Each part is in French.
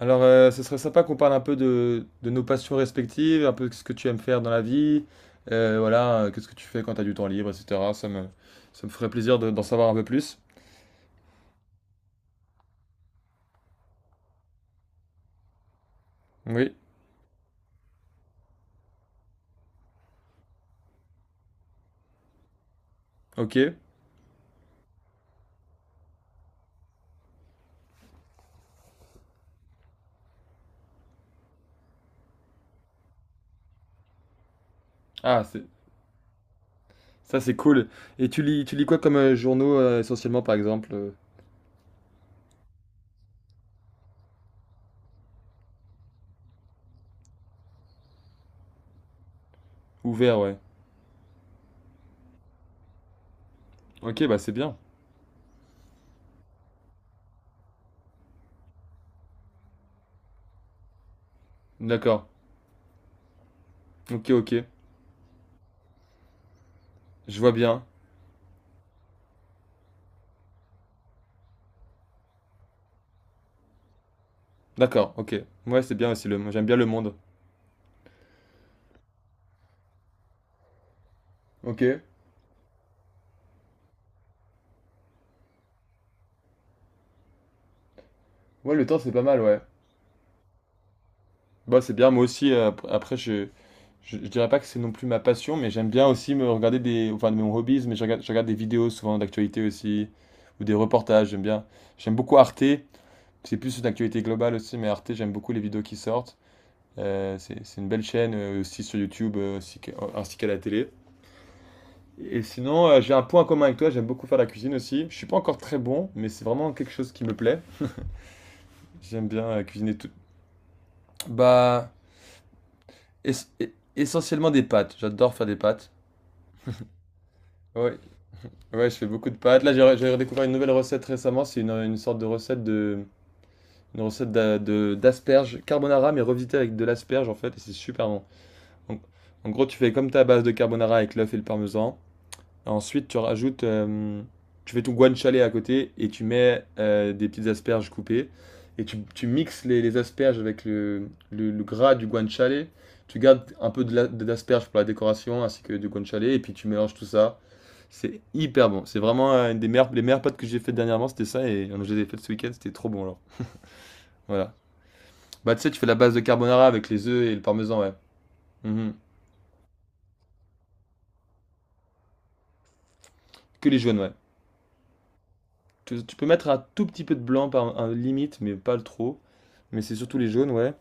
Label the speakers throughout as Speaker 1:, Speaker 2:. Speaker 1: Alors, ce serait sympa qu'on parle un peu de nos passions respectives, un peu ce que tu aimes faire dans la vie, voilà, qu'est-ce que tu fais quand tu as du temps libre, etc. Ça me ferait plaisir d'en savoir un peu plus. Oui, ok. Ah, ça c'est cool. Et tu lis quoi comme journaux essentiellement, par exemple ouvert, ouais. Ok, bah c'est bien. D'accord. Ok, ok. Je vois bien. D'accord, ok. Ouais, c'est bien aussi, le, j'aime bien le monde. Ok. Ouais, le temps c'est pas mal, ouais. Bah, c'est bien, moi aussi, après, je dirais pas que c'est non plus ma passion, mais j'aime bien aussi me regarder des, enfin, de mes hobbies, mais je regarde des vidéos souvent d'actualité aussi, ou des reportages, j'aime bien. J'aime beaucoup Arte, c'est plus une actualité globale aussi, mais Arte, j'aime beaucoup les vidéos qui sortent. C'est une belle chaîne aussi sur YouTube, ainsi qu'à la télé. Et sinon, j'ai un point en commun avec toi, j'aime beaucoup faire la cuisine aussi. Je suis pas encore très bon, mais c'est vraiment quelque chose qui me plaît. J'aime bien cuisiner tout. Bah, es- essentiellement des pâtes, j'adore faire des pâtes. Ouais, ouais, je fais beaucoup de pâtes. Là, j'ai redécouvert une nouvelle recette récemment. C'est une sorte de une recette d'asperges carbonara, mais revisitée avec de l'asperge en fait, et c'est super bon. Donc, en gros, tu fais comme ta base de carbonara avec l'œuf et le parmesan. Ensuite, tu fais ton guanciale à côté et tu mets des petites asperges coupées et tu mixes les asperges avec le gras du guanciale. Tu gardes un peu d'asperges pour la décoration ainsi que du guanciale et puis tu mélanges tout ça. C'est hyper bon. C'est vraiment une des meilleures, les meilleures pâtes que j'ai faites dernièrement, c'était ça. Et je les ai faites ce week-end, c'était trop bon alors. Voilà. Bah, tu sais, tu fais la base de carbonara avec les œufs et le parmesan, ouais. Mhm. Que les jaunes, ouais. Tu peux mettre un tout petit peu de blanc par un limite, mais pas le trop. Mais c'est surtout les jaunes, ouais.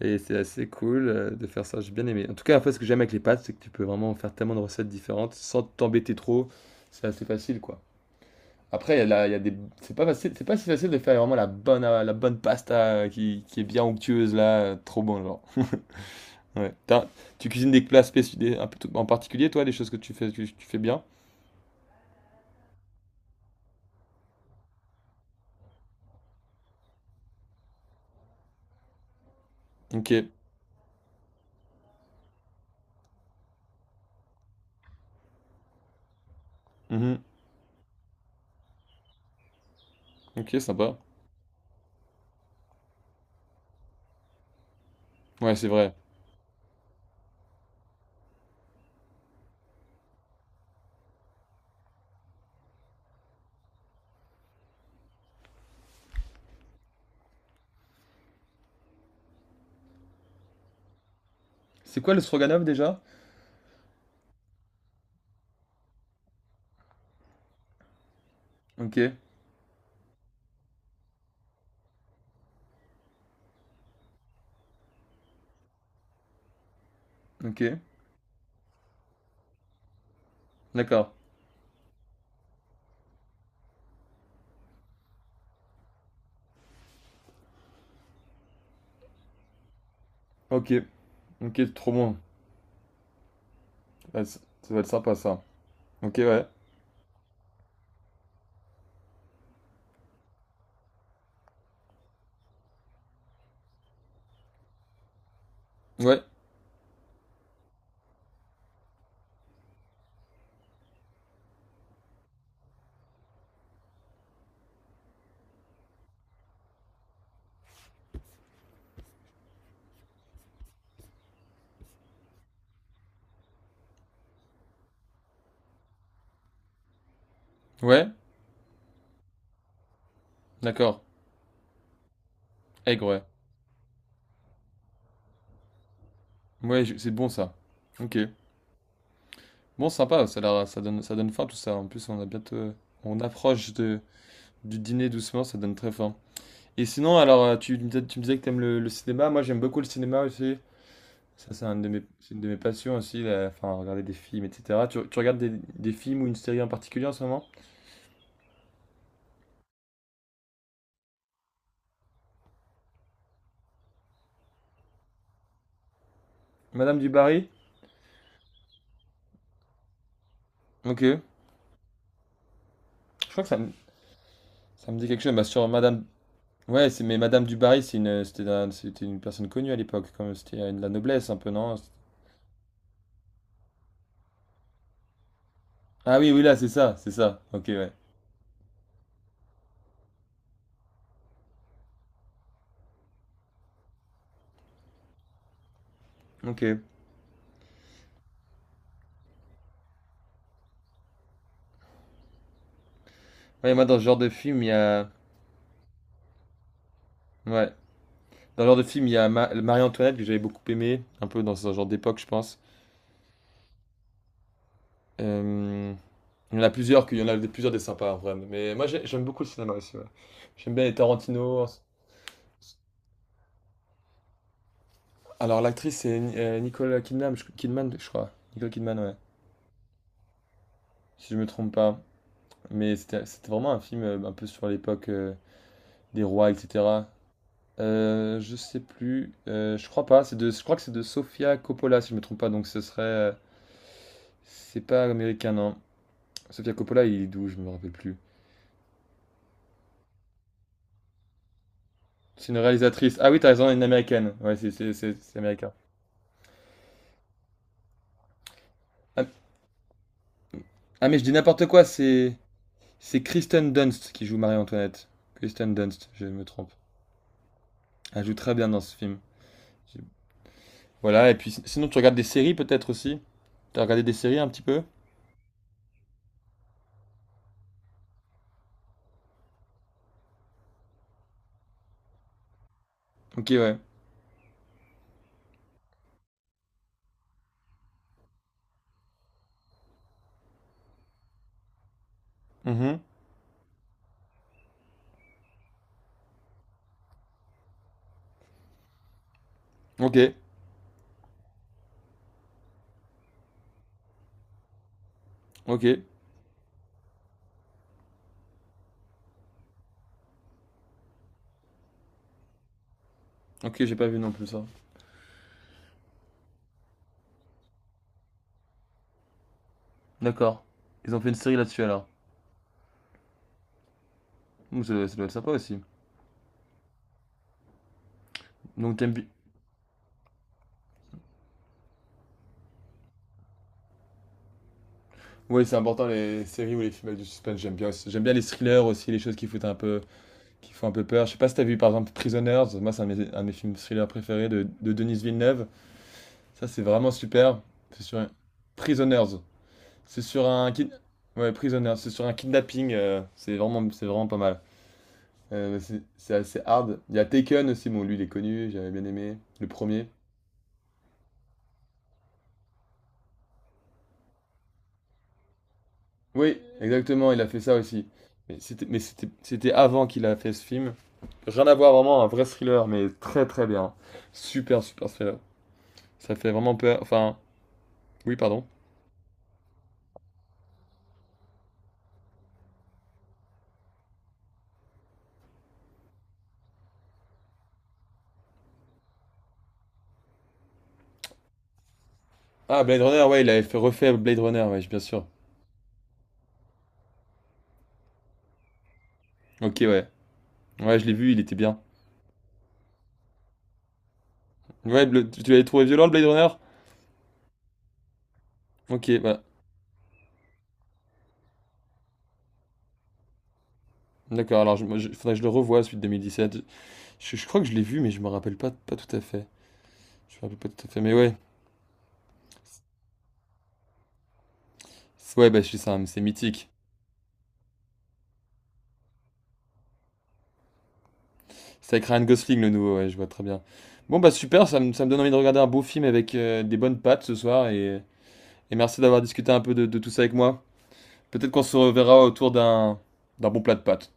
Speaker 1: Et c'est assez cool de faire ça, j'ai bien aimé. En tout cas, après, ce que j'aime avec les pâtes, c'est que tu peux vraiment faire tellement de recettes différentes sans t'embêter trop. C'est assez facile, quoi. Après, il y a des... c'est pas facile, c'est pas si facile de faire vraiment la bonne pasta qui est bien onctueuse là, trop bon genre. Ouais. Tu cuisines des plats spécifiques, en particulier toi, des choses que tu fais bien. Ok. Mhm. Ok, sympa. Ouais, c'est vrai. C'est quoi le stroganov déjà? Ok. Ok. D'accord. Ok. Ok, trop bon. Ouais, ça ça va être sympa ça. Ok, ouais. Ouais. Ouais. D'accord. Aigre, ouais. C'est bon ça. Ok. Bon, sympa, ça donne faim tout ça. En plus, on a bientôt, on approche du dîner doucement, ça donne très faim. Et sinon, alors, tu me disais que t'aimes le cinéma. Moi, j'aime beaucoup le cinéma aussi. Ça, c'est c'est une de mes passions aussi, enfin, regarder des films, etc. Tu regardes des films ou une série en particulier en ce moment? Madame du Barry? Ok. Je crois ça me dit quelque chose. Bah, sur Madame... Ouais, mais Madame du Barry, c'était une personne connue à l'époque, comme c'était de la noblesse un peu, non? Ah oui, oui, là, c'est ça, c'est ça. Ok, ouais. Ok. Ouais, moi, dans ce genre de film, il y a. Ouais. Dans ce genre de film, il y a Marie-Antoinette que j'avais beaucoup aimé, un peu dans ce genre d'époque, je pense. Euh, Il y en a plusieurs, qu'il y en a des- plusieurs des sympas, en vrai. Mais moi, j'aime beaucoup le cinéma aussi. Ouais. J'aime bien les Tarantino. Alors, l'actrice, c'est Nicole Kidman, je crois. Nicole Kidman, ouais. Si je me trompe pas. Mais c'était vraiment un film un peu sur l'époque des rois, etc. Je sais plus. Je crois pas. Je crois que c'est de Sofia Coppola, si je me trompe pas. Donc ce serait. C'est pas américain, non. Sofia Coppola, il est d'où? Je me rappelle plus. C'est une réalisatrice. Ah oui, t'as raison, elle est une américaine. Ouais, c'est américain. Ah, ah, mais je dis n'importe quoi. C'est Kristen Dunst qui joue Marie-Antoinette. Kristen Dunst, je me trompe. Elle joue très bien dans ce film. J'ai- Voilà. Et puis sinon, tu regardes des séries peut-être aussi. T'as regardé des séries un petit peu? Ok, ouais. Mhm. Ok, ok, ok. J'ai pas vu non plus ça. D'accord. Ils ont fait une série là-dessus alors. Ouh, ça doit être sympa aussi. Donc t'aimes bi- Oui, c'est important les séries ou les films avec du suspense, j'aime bien aussi. J'aime bien les thrillers aussi, les choses qui foutent un peu, qui font un peu peur. Je sais pas si t'as vu par exemple Prisoners, moi c'est un, un de mes films thrillers préférés de Denis Villeneuve. Ça c'est vraiment super. C'est sur un... Prisoners. C'est sur un kid... ouais, Prisoners, c'est sur un kidnapping, c'est vraiment pas mal. C'est assez hard. Il y a Taken aussi, bon lui il est connu, j'avais bien aimé le premier. Oui, exactement, il a fait ça aussi. Mais c'était avant qu'il a fait ce film. Rien à voir, vraiment, un vrai thriller, mais très très bien. Super, super thriller. Ça fait vraiment peur. Enfin, oui, pardon. Ah, Blade Runner, ouais, refait Blade Runner, ouais, bien sûr. Ok, ouais. Ouais, je l'ai vu, il était bien. Ouais, tu l'avais trouvé violent, le Blade Runner? Ok, bah, d'accord, alors il faudrait que je le revoie, celui de 2017. Je crois que je l'ai vu, mais je me rappelle pas, pas tout à fait. Je me rappelle pas tout à fait, mais ouais. Ouais, bah, c'est c'est mythique. C'est avec Ryan Gosling le nouveau, ouais, je vois très bien. Bon bah super, ça me donne envie de regarder un beau film avec des bonnes pattes ce soir et merci d'avoir discuté un peu de tout ça avec moi. Peut-être qu'on se reverra autour d'un bon plat de pâtes.